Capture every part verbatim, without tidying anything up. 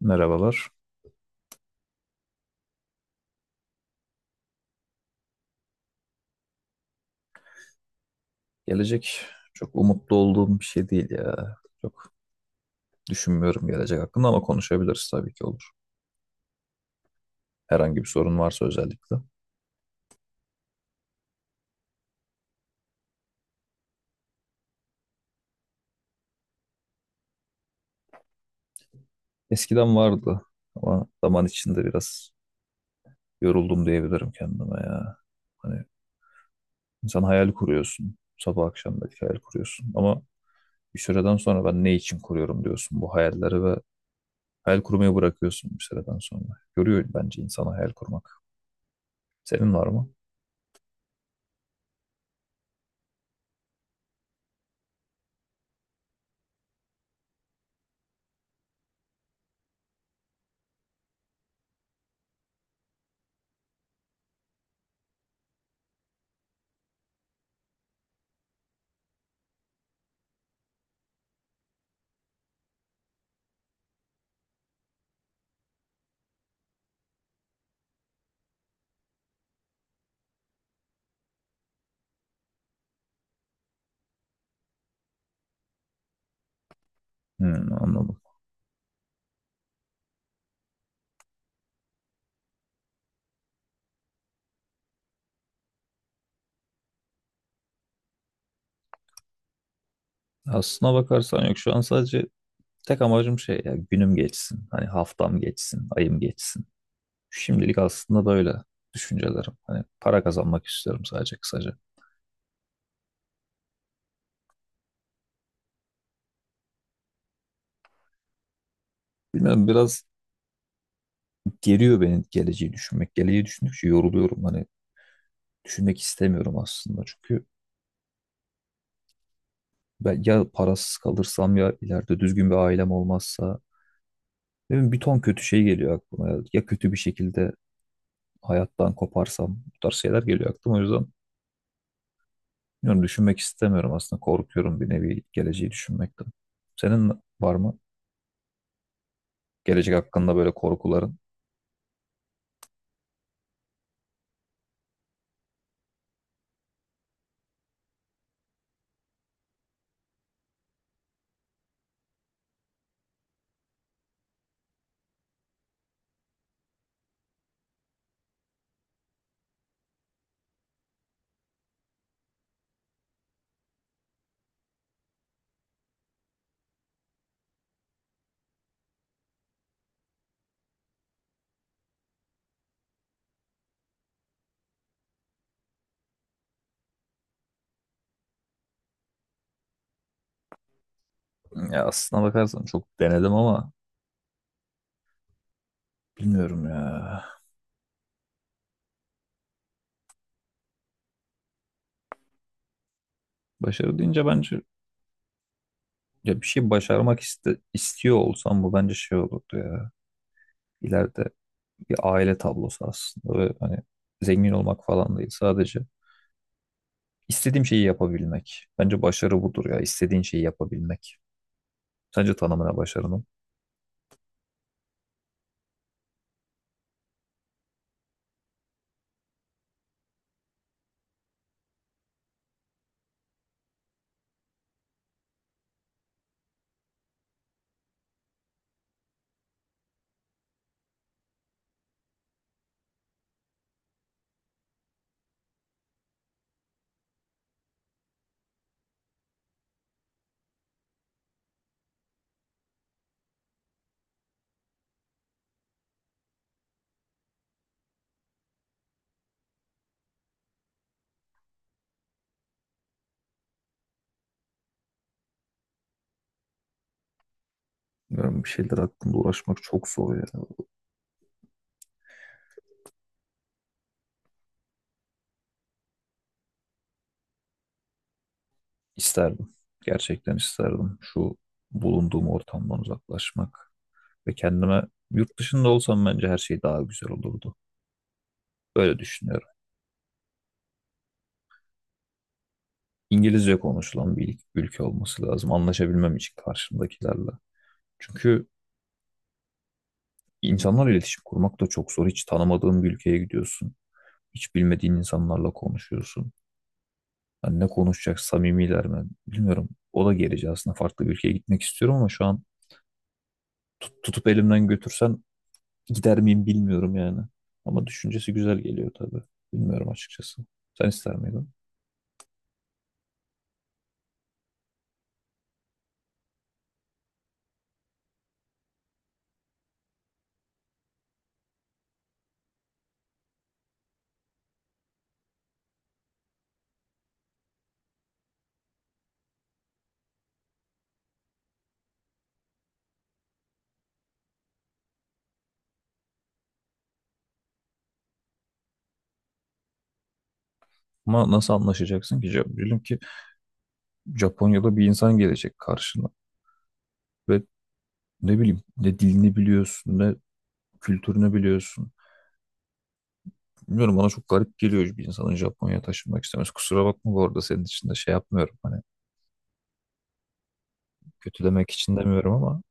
Merhabalar. Gelecek çok umutlu olduğum bir şey değil ya. Düşünmüyorum gelecek hakkında ama konuşabiliriz tabii ki, olur. Herhangi bir sorun varsa özellikle. Eskiden vardı ama zaman içinde biraz yoruldum diyebilirim kendime ya. Hani insan hayal kuruyorsun. Sabah akşam belki hayal kuruyorsun ama bir süreden sonra ben ne için kuruyorum diyorsun bu hayalleri ve hayal kurmayı bırakıyorsun bir süreden sonra. Görüyor bence insana hayal kurmak. Senin var mı? Hmm, anladım. Aslına bakarsan yok şu an sadece tek amacım şey ya, günüm geçsin. Hani haftam geçsin, ayım geçsin. Şimdilik aslında böyle düşüncelerim. Hani para kazanmak istiyorum sadece kısaca. Bilmiyorum, biraz geriyor beni geleceği düşünmek. Geleceği düşündükçe yoruluyorum. Hani düşünmek istemiyorum aslında. Çünkü ben ya parasız kalırsam, ya ileride düzgün bir ailem olmazsa. Ne bileyim, bir ton kötü şey geliyor aklıma. Ya kötü bir şekilde hayattan koparsam, bu tarz şeyler geliyor aklıma. O yüzden bilmiyorum, düşünmek istemiyorum aslında. Korkuyorum bir nevi geleceği düşünmekten. Senin var mı gelecek hakkında böyle korkuların? Ya aslına bakarsan çok denedim ama bilmiyorum ya. Başarı deyince bence ya bir şey başarmak iste, istiyor olsam bu bence şey olurdu ya. İleride bir aile tablosu aslında ve hani zengin olmak falan değil, sadece istediğim şeyi yapabilmek. Bence başarı budur ya, istediğin şeyi yapabilmek. Sence tanımına başarının? Bilmiyorum, bir şeyler hakkında uğraşmak çok zor ya. İsterdim. Gerçekten isterdim. Şu bulunduğum ortamdan uzaklaşmak ve kendime, yurt dışında olsam bence her şey daha güzel olurdu. Böyle düşünüyorum. İngilizce konuşulan bir ülke olması lazım. Anlaşabilmem için karşımdakilerle. Çünkü insanlarla iletişim kurmak da çok zor. Hiç tanımadığın bir ülkeye gidiyorsun. Hiç bilmediğin insanlarla konuşuyorsun. Yani ne konuşacak, samimiler mi? Bilmiyorum. O da gerici aslında. Farklı bir ülkeye gitmek istiyorum ama şu an tut- tutup elimden götürsen gider miyim bilmiyorum yani. Ama düşüncesi güzel geliyor tabii. Bilmiyorum açıkçası. Sen ister miydin? Ama nasıl anlaşacaksın ki? Ja- Diyelim ki Japonya'da bir insan gelecek karşına ve ne bileyim, ne dilini biliyorsun ne kültürünü biliyorsun. Bilmiyorum, bana çok garip geliyor bir insanın Japonya'ya taşınmak istemesi. Kusura bakma bu arada, senin için de şey yapmıyorum. Hani kötülemek için demiyorum ama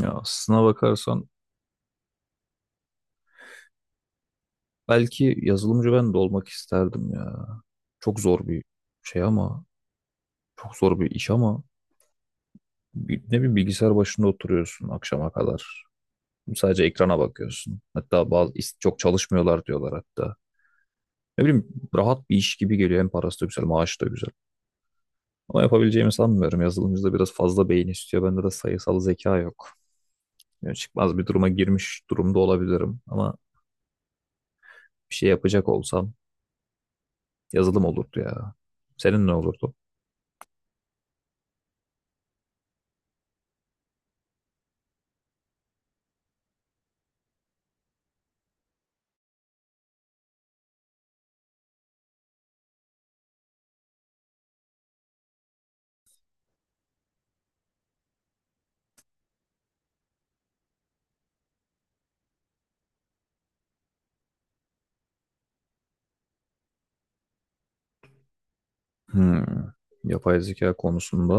ya aslına bakarsan belki yazılımcı ben de olmak isterdim ya. Çok zor bir şey ama çok zor bir iş ama bi- ne bileyim, bilgisayar başında oturuyorsun akşama kadar. Sadece ekrana bakıyorsun. Hatta bazı is- çok çalışmıyorlar diyorlar hatta. Ne bileyim, rahat bir iş gibi geliyor. Hem parası da güzel, maaşı da güzel. Ama yapabileceğimi sanmıyorum. Yazılımcıda biraz fazla beyin istiyor. Bende de sayısal zeka yok. Yani çıkmaz bir duruma girmiş durumda olabilirim. Ama bir şey yapacak olsam yazılım olurdu ya. Senin ne olurdu? Hmm. Yapay zeka konusunda.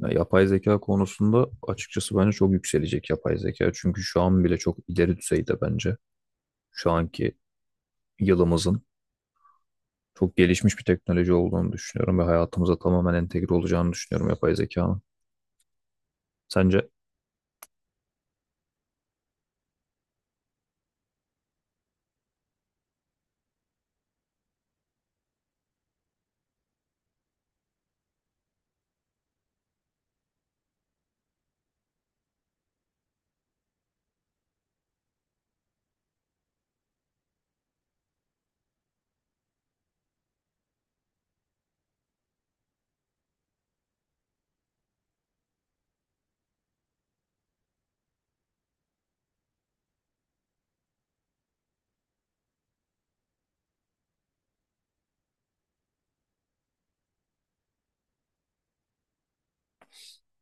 Ya yapay zeka konusunda açıkçası bence çok yükselecek yapay zeka. Çünkü şu an bile çok ileri düzeyde bence. Şu anki yılımızın çok gelişmiş bir teknoloji olduğunu düşünüyorum ve hayatımıza tamamen entegre olacağını düşünüyorum yapay zekanın. Sence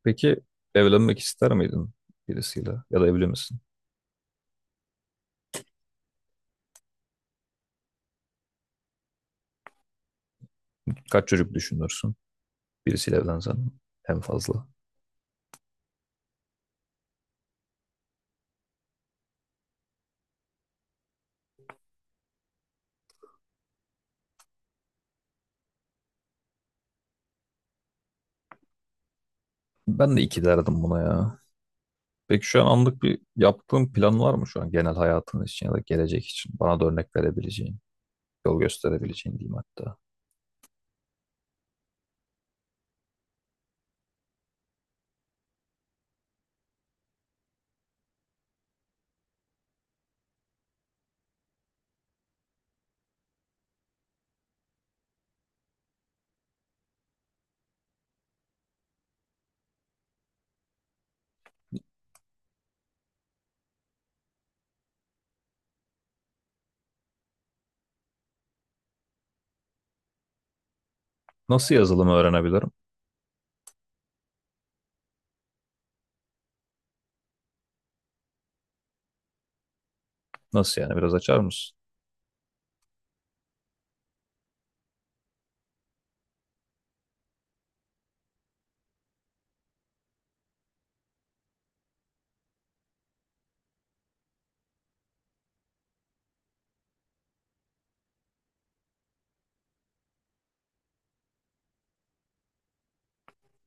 peki evlenmek ister miydin birisiyle, ya da evli misin? Kaç çocuk düşünürsün birisiyle evlensen en fazla? Ben de iki derdim buna ya. Peki şu an anlık bir yaptığın plan var mı şu an genel hayatın için ya da gelecek için? Bana da örnek verebileceğin, yol gösterebileceğin diyeyim hatta. Nasıl yazılımı öğrenebilirim? Nasıl yani, biraz açar mısın?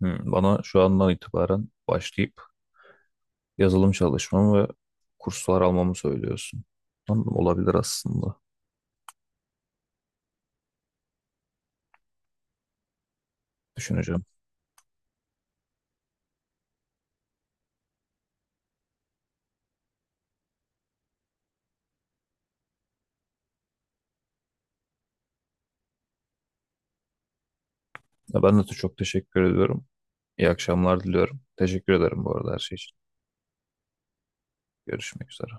Hmm, bana şu andan itibaren başlayıp yazılım çalışmamı ve kurslar almamı söylüyorsun. Anladım, olabilir aslında. Düşüneceğim. Ya ben de çok teşekkür ediyorum. İyi akşamlar diliyorum. Teşekkür ederim bu arada her şey için. Görüşmek üzere.